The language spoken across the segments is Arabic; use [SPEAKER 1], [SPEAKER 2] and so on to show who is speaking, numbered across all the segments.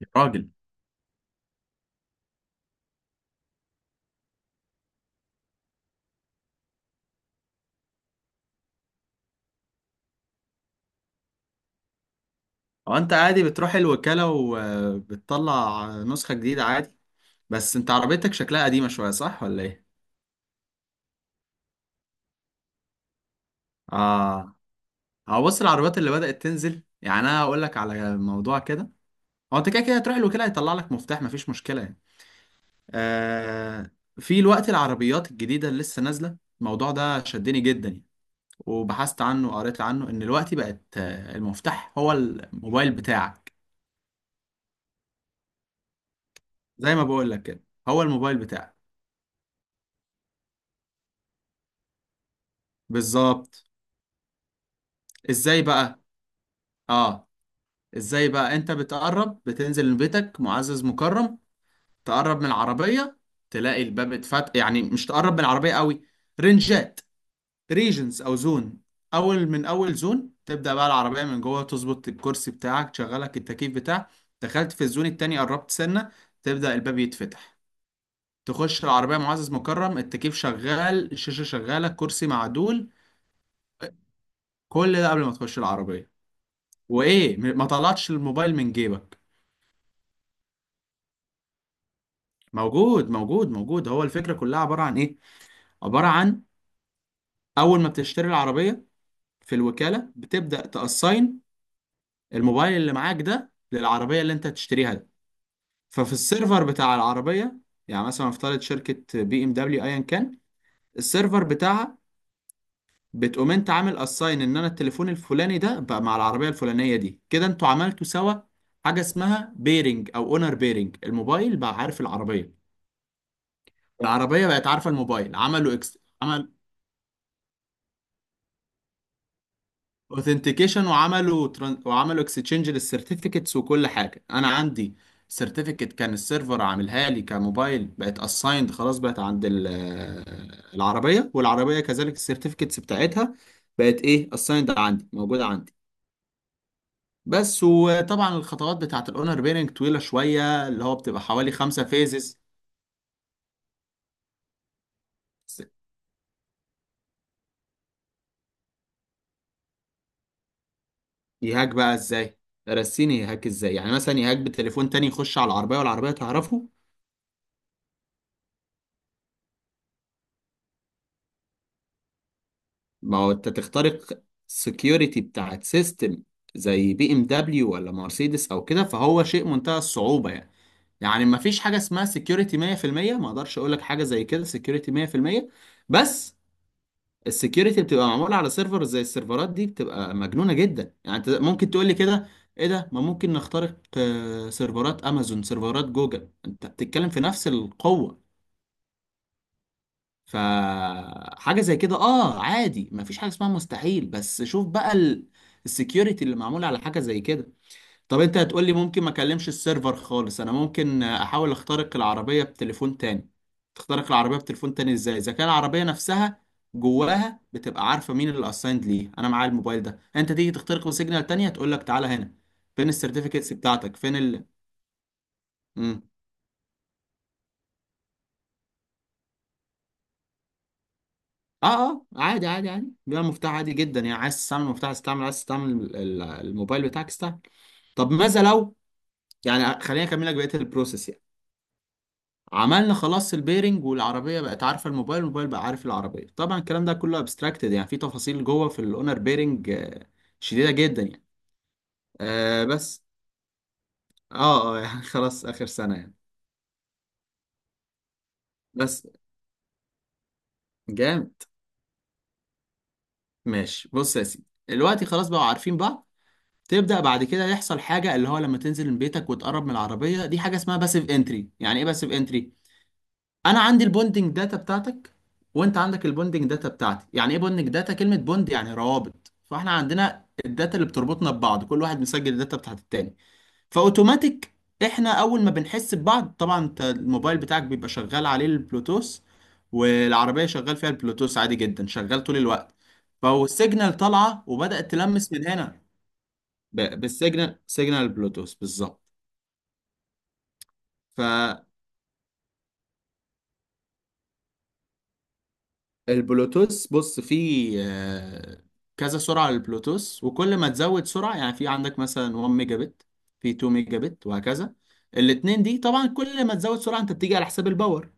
[SPEAKER 1] يا راجل، هو انت عادي بتروح الوكالة وبتطلع نسخة جديدة عادي؟ بس انت عربيتك شكلها قديمة شوية، صح ولا ايه؟ اه. هو بص، العربيات اللي بدأت تنزل يعني انا هقول لك على موضوع كده. هو انت كده كده هتروح الوكالة هيطلع لك مفتاح، مفيش مشكلة يعني. آه، في الوقت العربيات الجديدة اللي لسه نازلة، الموضوع ده شدني جدا يعني، وبحثت عنه وقريت عنه ان الوقت بقت المفتاح هو الموبايل بتاعك. زي ما بقول لك كده، هو الموبايل بتاعك بالظبط. ازاي بقى؟ اه، ازاي بقى؟ انت بتقرب، بتنزل من بيتك معزز مكرم، تقرب من العربية تلاقي الباب اتفتح، يعني مش تقرب من العربية قوي. رنجات، ريجنز او زون، اول من اول زون تبدأ بقى العربية من جوه تظبط الكرسي بتاعك، تشغلك التكييف بتاعك. دخلت في الزون التاني، قربت سنة، تبدأ الباب يتفتح، تخش العربية معزز مكرم، التكييف شغال، الشاشة شغالة، كرسي معدول. كل ده قبل ما تخش العربية. وايه، ما طلعتش الموبايل من جيبك. موجود موجود موجود. هو الفكرة كلها عبارة عن ايه؟ عبارة عن اول ما بتشتري العربية في الوكالة بتبدأ تأساين الموبايل اللي معاك ده للعربية اللي انت هتشتريها ده. ففي السيرفر بتاع العربية، يعني مثلا افترض شركة بي ام دبليو ايا كان، السيرفر بتاعها، بتقوم انت عامل اساين ان انا التليفون الفلاني ده بقى مع العربية الفلانية دي، كده انتوا عملتوا سوا حاجة اسمها بيرنج او اونر بيرنج. الموبايل بقى عارف العربية، العربية بقت عارفة الموبايل، عملوا إكس... اوثنتيكيشن، وعملوا تران... وعملوا اكستشينج للسيرتيفيكتس وكل حاجه. انا عندي سيرتيفيكت كان السيرفر عاملها لي كموبايل، بقت اسايند، خلاص بقت عند ال- العربيه، والعربيه كذلك السيرتيفيكتس بتاعتها بقت ايه، اسايند عندي، موجوده عندي بس. وطبعا الخطوات بتاعه الاونر بيرنج طويله شويه، اللي هو بتبقى حوالي خمسة فيزز. يهاك بقى ازاي؟ رسيني، يهاك ازاي؟ يعني مثلا يهاك بتليفون تاني يخش على العربيه والعربيه تعرفه. ما هو انت تخترق السكيورتي بتاعت سيستم زي بي ام دبليو ولا مرسيدس او كده، فهو شيء منتهى الصعوبة يعني. يعني ما فيش حاجة اسمها سكيورتي 100%، ما اقدرش اقول لك حاجة زي كده سكيورتي 100%. بس السكيورتي بتبقى معمولة على سيرفر، زي السيرفرات دي بتبقى مجنونة جدا يعني. انت ممكن تقول لي كده، ايه ده، ما ممكن نخترق سيرفرات امازون، سيرفرات جوجل، انت بتتكلم في نفس القوة. فحاجة زي كده اه عادي، مفيش حاجة اسمها مستحيل. بس شوف بقى ال... السكيورتي اللي معمولة على حاجة زي كده. طب انت هتقولي ممكن ما اكلمش السيرفر خالص، انا ممكن احاول اخترق العربية بتليفون تاني. تخترق العربية بتليفون تاني ازاي اذا كان العربية نفسها جواها بتبقى عارفة مين اللي اسايند ليه؟ انا معايا الموبايل ده، انت تيجي تخترقه سيجنال تانية تقول لك تعالى هنا، فين السيرتيفيكتس بتاعتك، فين ال... مم. اه اه، عادي عادي عادي، بيبقى مفتاح عادي جدا يعني. عايز تستعمل المفتاح استعمل، عايز تستعمل الموبايل بتاعك استعمل. طب ماذا لو، يعني خليني اكمل لك بقيه البروسيس يعني. عملنا خلاص البيرنج، والعربيه بقت عارفه الموبايل، الموبايل بقى عارف العربيه. طبعا الكلام ده كله ابستراكتد، يعني في تفاصيل جوه في الاونر بيرنج شديده جدا يعني. آه بس. اه اه يعني خلاص اخر سنه يعني. بس. جامد. ماشي، بص يا سيدي، دلوقتي خلاص بقوا عارفين بعض. تبدأ بعد كده يحصل حاجة، اللي هو لما تنزل من بيتك وتقرب من العربية دي، حاجة اسمها باسيف انتري. يعني ايه باسيف انتري؟ انا عندي البوندنج داتا بتاعتك، وانت عندك البوندنج داتا بتاعتي. يعني ايه بوندنج داتا؟ كلمة بوند يعني روابط، فاحنا عندنا الداتا اللي بتربطنا ببعض، كل واحد مسجل الداتا بتاعت التاني. فاوتوماتيك احنا اول ما بنحس ببعض، طبعا انت الموبايل بتاعك بيبقى شغال عليه البلوتوث، والعربية شغال فيها البلوتوث عادي جدا، شغال طول الوقت. فالسيجنال طالعة وبدأت تلمس من هنا. بالسيجنال، سيجنال بلوتوث بالظبط. فالبلوتوث، بص فيه كذا سرعة للبلوتوث، وكل ما تزود سرعة، يعني في عندك مثلا 1 ميجا بت، في 2 ميجا بت، وهكذا. الاتنين دي، طبعا كل ما تزود سرعة انت بتيجي على حساب الباور.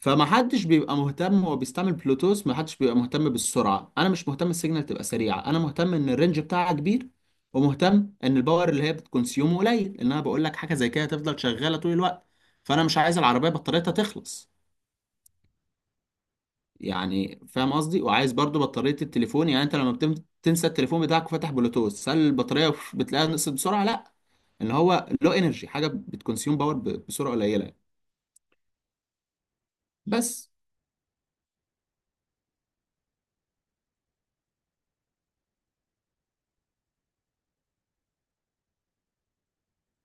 [SPEAKER 1] فما حدش بيبقى مهتم، هو بيستعمل بلوتوث، ما حدش بيبقى مهتم بالسرعه، انا مش مهتم السيجنال تبقى سريعه، انا مهتم ان الرينج بتاعها كبير، ومهتم ان الباور اللي هي بتكونسيوم قليل، ان انا بقول لك حاجه زي كده تفضل شغاله طول الوقت. فانا مش عايز العربيه بطاريتها تخلص. يعني فاهم قصدي؟ وعايز برضو بطاريه التليفون، يعني انت لما تنسى التليفون بتاعك وفاتح بلوتوث، هل البطاريه بتلاقيها نقصت بسرعه؟ لا، ان هو لو انرجي حاجه بتكونسيوم بسرعه قليله يعني. بس.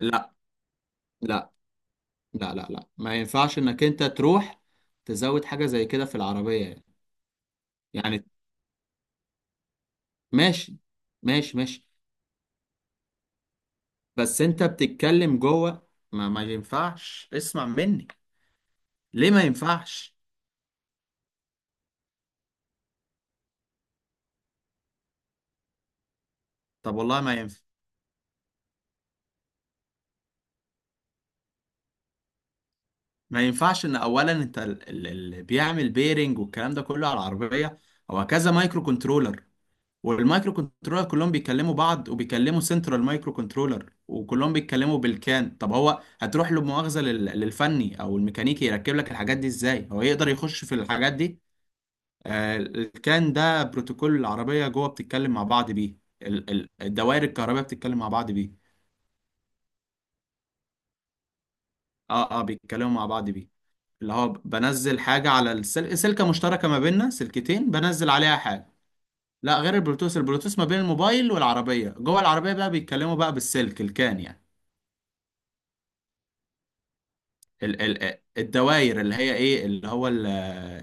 [SPEAKER 1] لا لا لا لا لا، ما ينفعش انك انت تروح تزود حاجة زي كده في العربية يعني. يعني ماشي ماشي ماشي. بس انت بتتكلم جوه، ما ينفعش اسمع مني. ليه ما ينفعش؟ طب والله ما ينفع. ما ينفعش ان اولا انت اللي بيعمل بيرنج والكلام ده كله على العربية، هو كذا مايكرو كنترولر، والمايكرو كنترولر كلهم بيكلموا بعض وبيكلموا سنترال مايكرو كنترولر، وكلهم بيتكلموا بالكان. طب هو هتروح له مؤاخذة للفني او الميكانيكي يركب لك الحاجات دي ازاي؟ هو يقدر يخش في الحاجات دي؟ الكان ده بروتوكول العربية جوه بتتكلم مع بعض بيه، الدوائر الكهربائية بتتكلم مع بعض بيه. اه اه، بيتكلموا مع بعض بيه، اللي هو بنزل حاجة على السلك، سلكة مشتركة ما بيننا، سلكتين بنزل عليها حاجة. لا، غير البلوتوث، البلوتوث ما بين الموبايل والعربية، جوه العربية بقى بيتكلموا بقى بالسلك الكان يعني. الدوائر اللي هي ايه، اللي هو ال-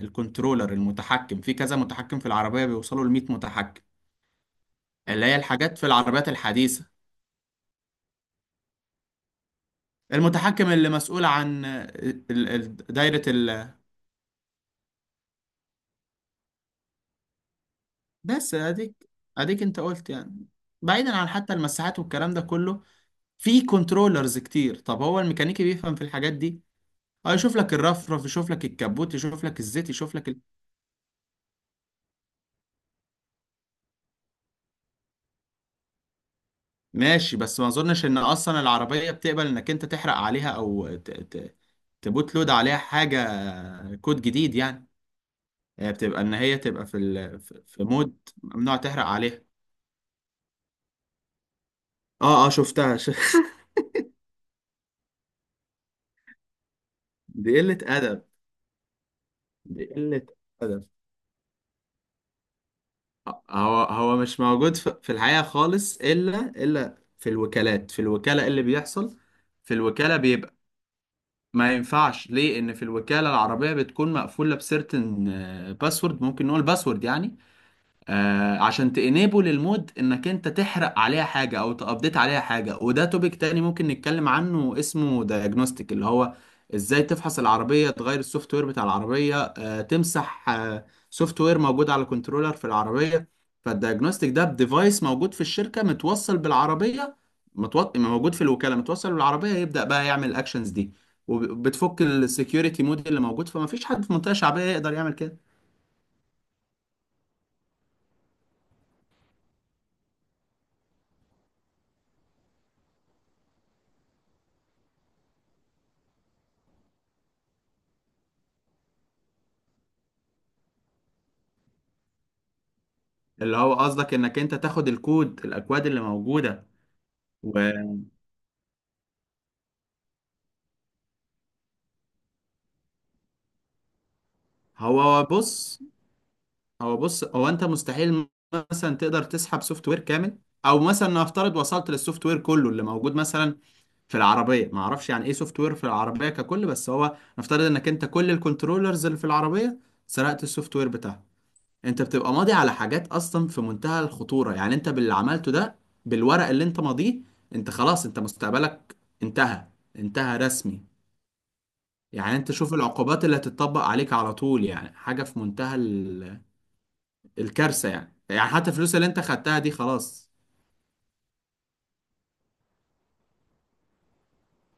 [SPEAKER 1] الكنترولر المتحكم في كذا متحكم في العربية، بيوصلوا ل 100 متحكم، اللي هي الحاجات في العربيات الحديثة. المتحكم اللي مسؤول عن ال- ال- دايرة ال... بس اديك، اديك انت قلت يعني. بعيدا عن حتى المساحات والكلام ده كله، في كنترولرز كتير. طب هو الميكانيكي بيفهم في الحاجات دي؟ اه، يشوف لك الرفرف، يشوف لك الكبوت، يشوف لك الزيت، يشوف لك. ماشي، بس ما اظنش ان اصلا العربية بتقبل انك انت تحرق عليها او ت... ت... تبوت لود عليها حاجة كود جديد يعني. هي بتبقى ان هي تبقى في ال... في في مود ممنوع تحرق عليها. اه اه، شفتها ش... دي قلة ادب. دي قلة ادب. هو هو مش موجود في في الحقيقة خالص، الا الا في الوكالات. في الوكالة إيه اللي بيحصل؟ في الوكالة بيبقى، ما ينفعش ليه، ان في الوكالة العربية بتكون مقفولة بسيرتن باسورد، ممكن نقول باسورد يعني، آه، عشان تانيبل المود انك انت تحرق عليها حاجه او تابديت عليها حاجه. وده توبيك تاني ممكن نتكلم عنه اسمه دايجنوستيك، اللي هو ازاي تفحص العربيه، تغير السوفت وير بتاع العربيه، آه تمسح آه سوفت وير موجود على كنترولر في العربيه. فالدايجنوستيك ده بديفايس موجود في الشركه متوصل بالعربيه، متوط... موجود في الوكاله متوصل بالعربيه، يبدا بقى يعمل الاكشنز دي، وبتفك السكيورتي مود اللي موجود. فما فيش حد في منطقه شعبيه يقدر يعمل كده. اللي هو قصدك انك انت تاخد الكود، الاكواد اللي موجوده. وهو بص هو انت مستحيل مثلا تقدر تسحب سوفت وير كامل. او مثلا نفترض وصلت للسوفت وير كله اللي موجود مثلا في العربيه، ما اعرفش يعني ايه سوفت وير في العربيه ككل، بس هو نفترض انك انت كل الكنترولرز اللي في العربيه سرقت السوفت وير بتاعها. انت بتبقى ماضي على حاجات اصلا في منتهى الخطوره يعني. انت باللي عملته ده، بالورق اللي انت ماضيه، انت خلاص، انت مستقبلك انتهى، انتهى رسمي. يعني انت شوف العقوبات اللي هتتطبق عليك على طول، يعني حاجة في منتهى الكارثة يعني. يعني حتى الفلوس اللي انت خدتها دي خلاص.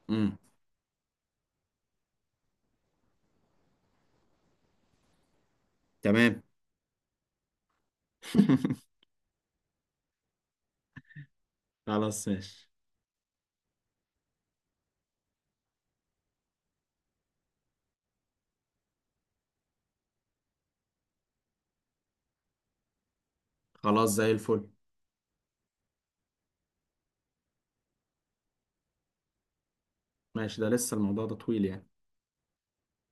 [SPEAKER 1] امم. تمام. خلاص ماشي. خلاص زي الفل. ماشي، ده لسه الموضوع ده طويل يعني.